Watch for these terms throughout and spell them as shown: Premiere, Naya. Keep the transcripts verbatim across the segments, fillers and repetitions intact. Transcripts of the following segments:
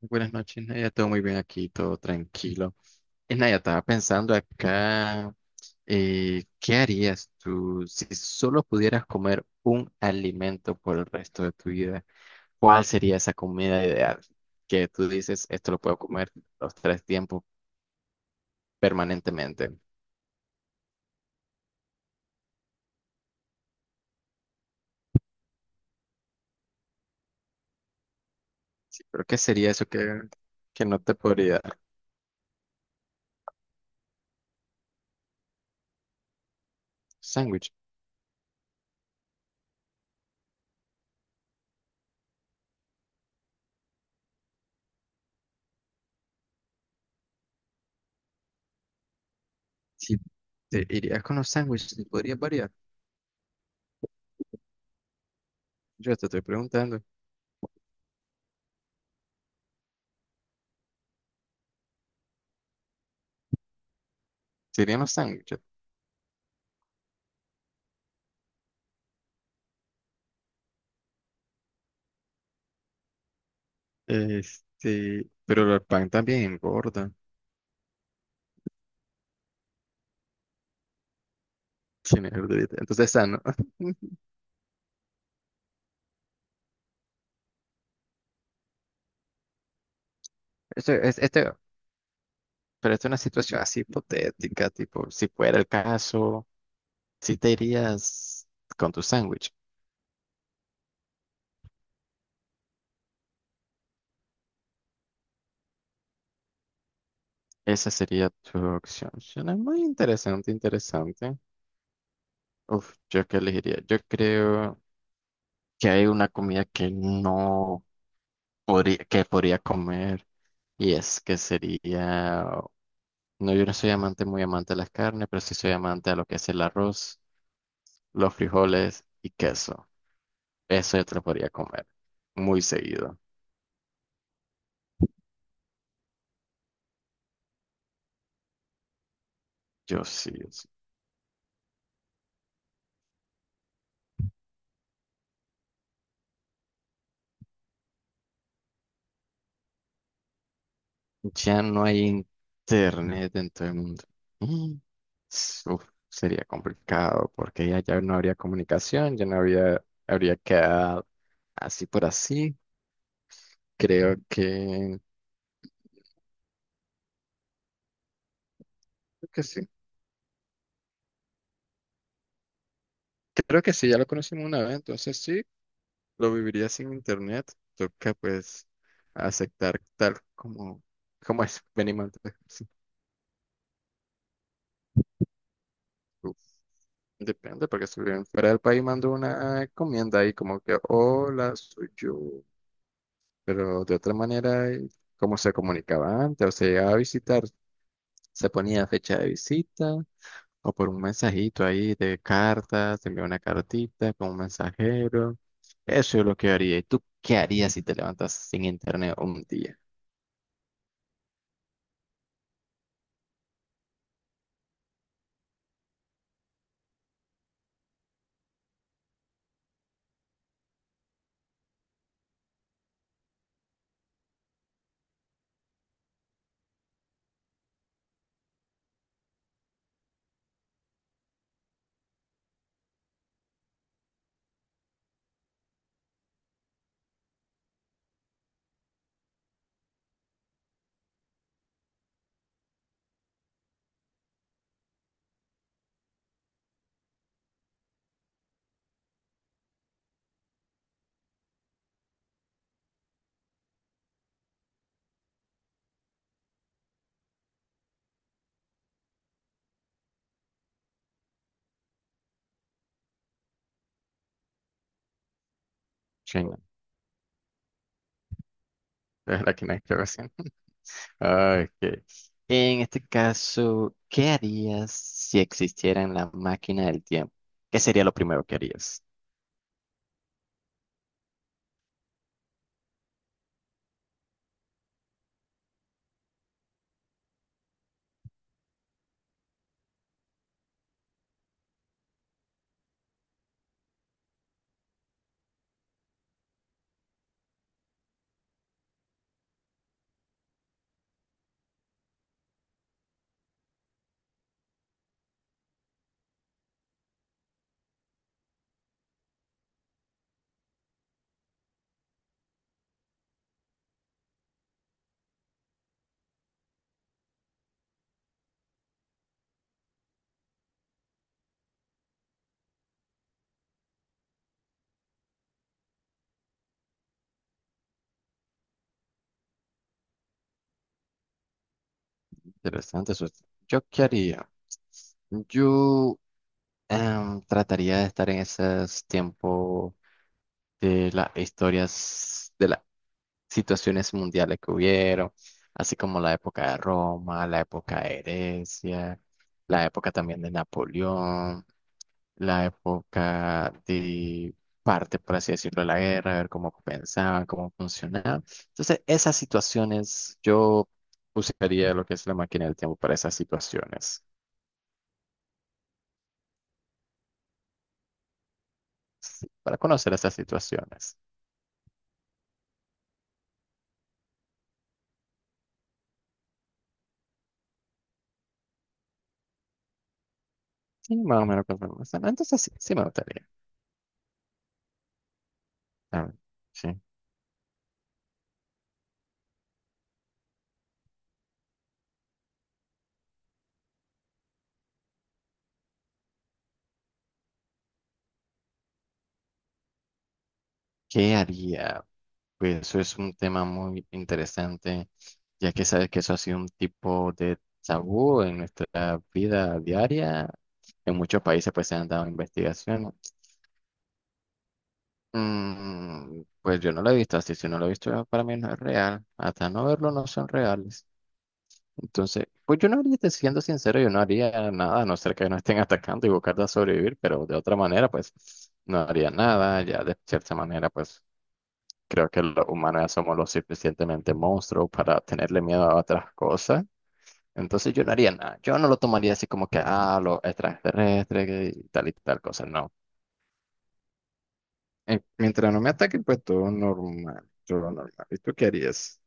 Buenas noches, Naya. Todo muy bien aquí, todo tranquilo. Eh, Naya, estaba pensando acá, eh, ¿qué harías tú si solo pudieras comer un alimento por el resto de tu vida? ¿Cuál sería esa comida ideal que tú dices, esto lo puedo comer los tres tiempos permanentemente? Sí, pero ¿qué sería eso que, que no te podría dar? Sándwich. Si te irías con los sándwiches, ¿podrías variar? Yo te estoy preguntando, ¿serían los sándwiches? Este, pero el pan también engorda. Sin el Entonces, esa no. Esto, es, este Pero esto es una situación así hipotética, tipo, si fuera el caso, si te irías con tu sándwich, esa sería tu opción. Suena muy interesante, interesante. Uf, ¿yo qué elegiría? Yo creo que hay una comida que no podría, que podría comer y es que sería, no, yo no soy amante, muy amante de las carnes, pero sí soy amante a lo que es el arroz, los frijoles y queso. Eso yo te lo podría comer muy seguido. Yo sí, yo sí. Ya no hay internet en todo el mundo. Mm. Uf, sería complicado porque ya, ya no habría comunicación, ya no habría, habría quedado así por así. Creo que, creo que sí. Creo que sí, ya lo conocimos una vez, entonces sí, lo viviría sin internet. Toca pues aceptar tal como, como es. Venimos antes. Depende, porque si viven fuera del país mando una encomienda ahí como que, hola, soy yo. Pero de otra manera, eh, ¿cómo se comunicaba antes? O se llegaba a visitar, se ponía fecha de visita o por un mensajito ahí de cartas, se envía una cartita con un mensajero. Eso es lo que yo haría. ¿Y tú qué harías si te levantas sin internet un día? Chinga, es la que no hay que ver. Ok. En este caso, ¿qué harías si existiera en la máquina del tiempo? ¿Qué sería lo primero que harías? Interesante eso. ¿Yo qué haría? Yo em, trataría de estar en esos tiempos de las historias, de las situaciones mundiales que hubieron, así como la época de Roma, la época de Grecia, la época también de Napoleón, la época de parte, por así decirlo, de la guerra, ver cómo pensaban, cómo funcionaban. Entonces, esas situaciones, yo usaría lo que es la máquina del tiempo para esas situaciones, sí, para conocer esas situaciones. Sí, más o menos, conforme están. Entonces, sí, sí me gustaría. A ver, sí. ¿Qué haría? Pues eso es un tema muy interesante, ya que sabes que eso ha sido un tipo de tabú en nuestra vida diaria. En muchos países pues se han dado investigaciones. Mm, pues yo no lo he visto así, si no lo he visto para mí no es real. Hasta no verlo no son reales. Entonces, pues yo no haría, te- siendo sincero, yo no haría nada, a no ser que no estén atacando y buscar de sobrevivir, pero de otra manera pues no haría nada, ya de cierta manera pues creo que los humanos ya somos lo suficientemente monstruos para tenerle miedo a otras cosas. Entonces yo no haría nada. Yo no lo tomaría así como que, ah, los extraterrestres que- y tal y tal cosa. No. Eh, mientras no me ataquen, pues todo normal. Todo normal. ¿Y tú qué harías?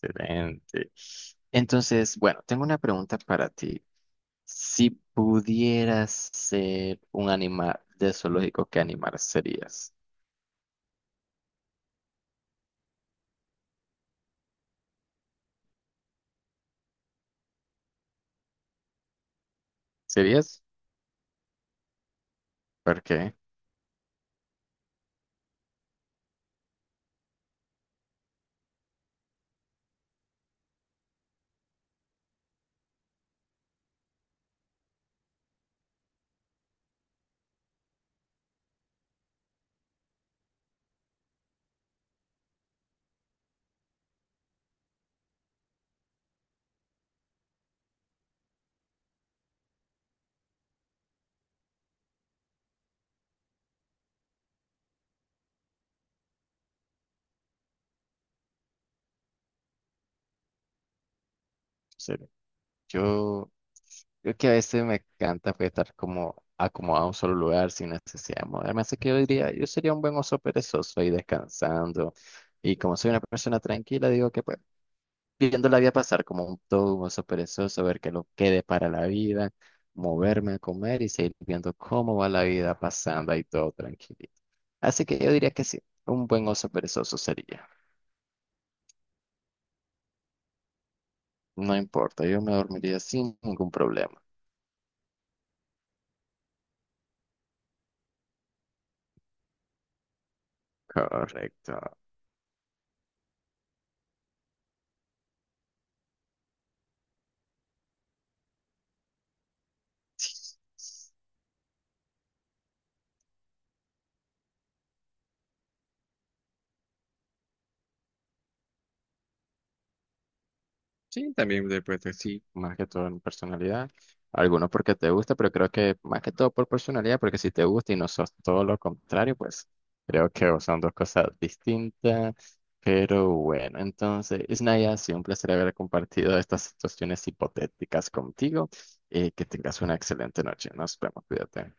Excelente. Entonces, bueno, tengo una pregunta para ti. Si pudieras ser un animal de zoológico, ¿qué animal serías? ¿Serías? ¿Por qué? Sería- Yo creo que a veces me encanta pues, estar como acomodado en un solo lugar sin necesidad de moverme. Así que yo diría, yo sería un buen oso perezoso ahí descansando. Y como soy una persona tranquila, digo que pues viendo la vida pasar como un todo un oso perezoso, ver qué lo quede para la vida, moverme a comer y seguir viendo cómo va la vida pasando ahí todo tranquilito. Así que yo diría que sí, un buen oso perezoso sería. No importa, yo me dormiría sin ningún problema. Correcto. Sí, también de pues, sí, más que todo en personalidad. Algunos porque te gusta, pero creo que más que todo por personalidad, porque si te gusta y no sos todo lo contrario, pues creo que son dos cosas distintas. Pero bueno, entonces, Isnaya, ha sido un placer haber compartido estas situaciones hipotéticas contigo y que tengas una excelente noche. Nos vemos, cuídate.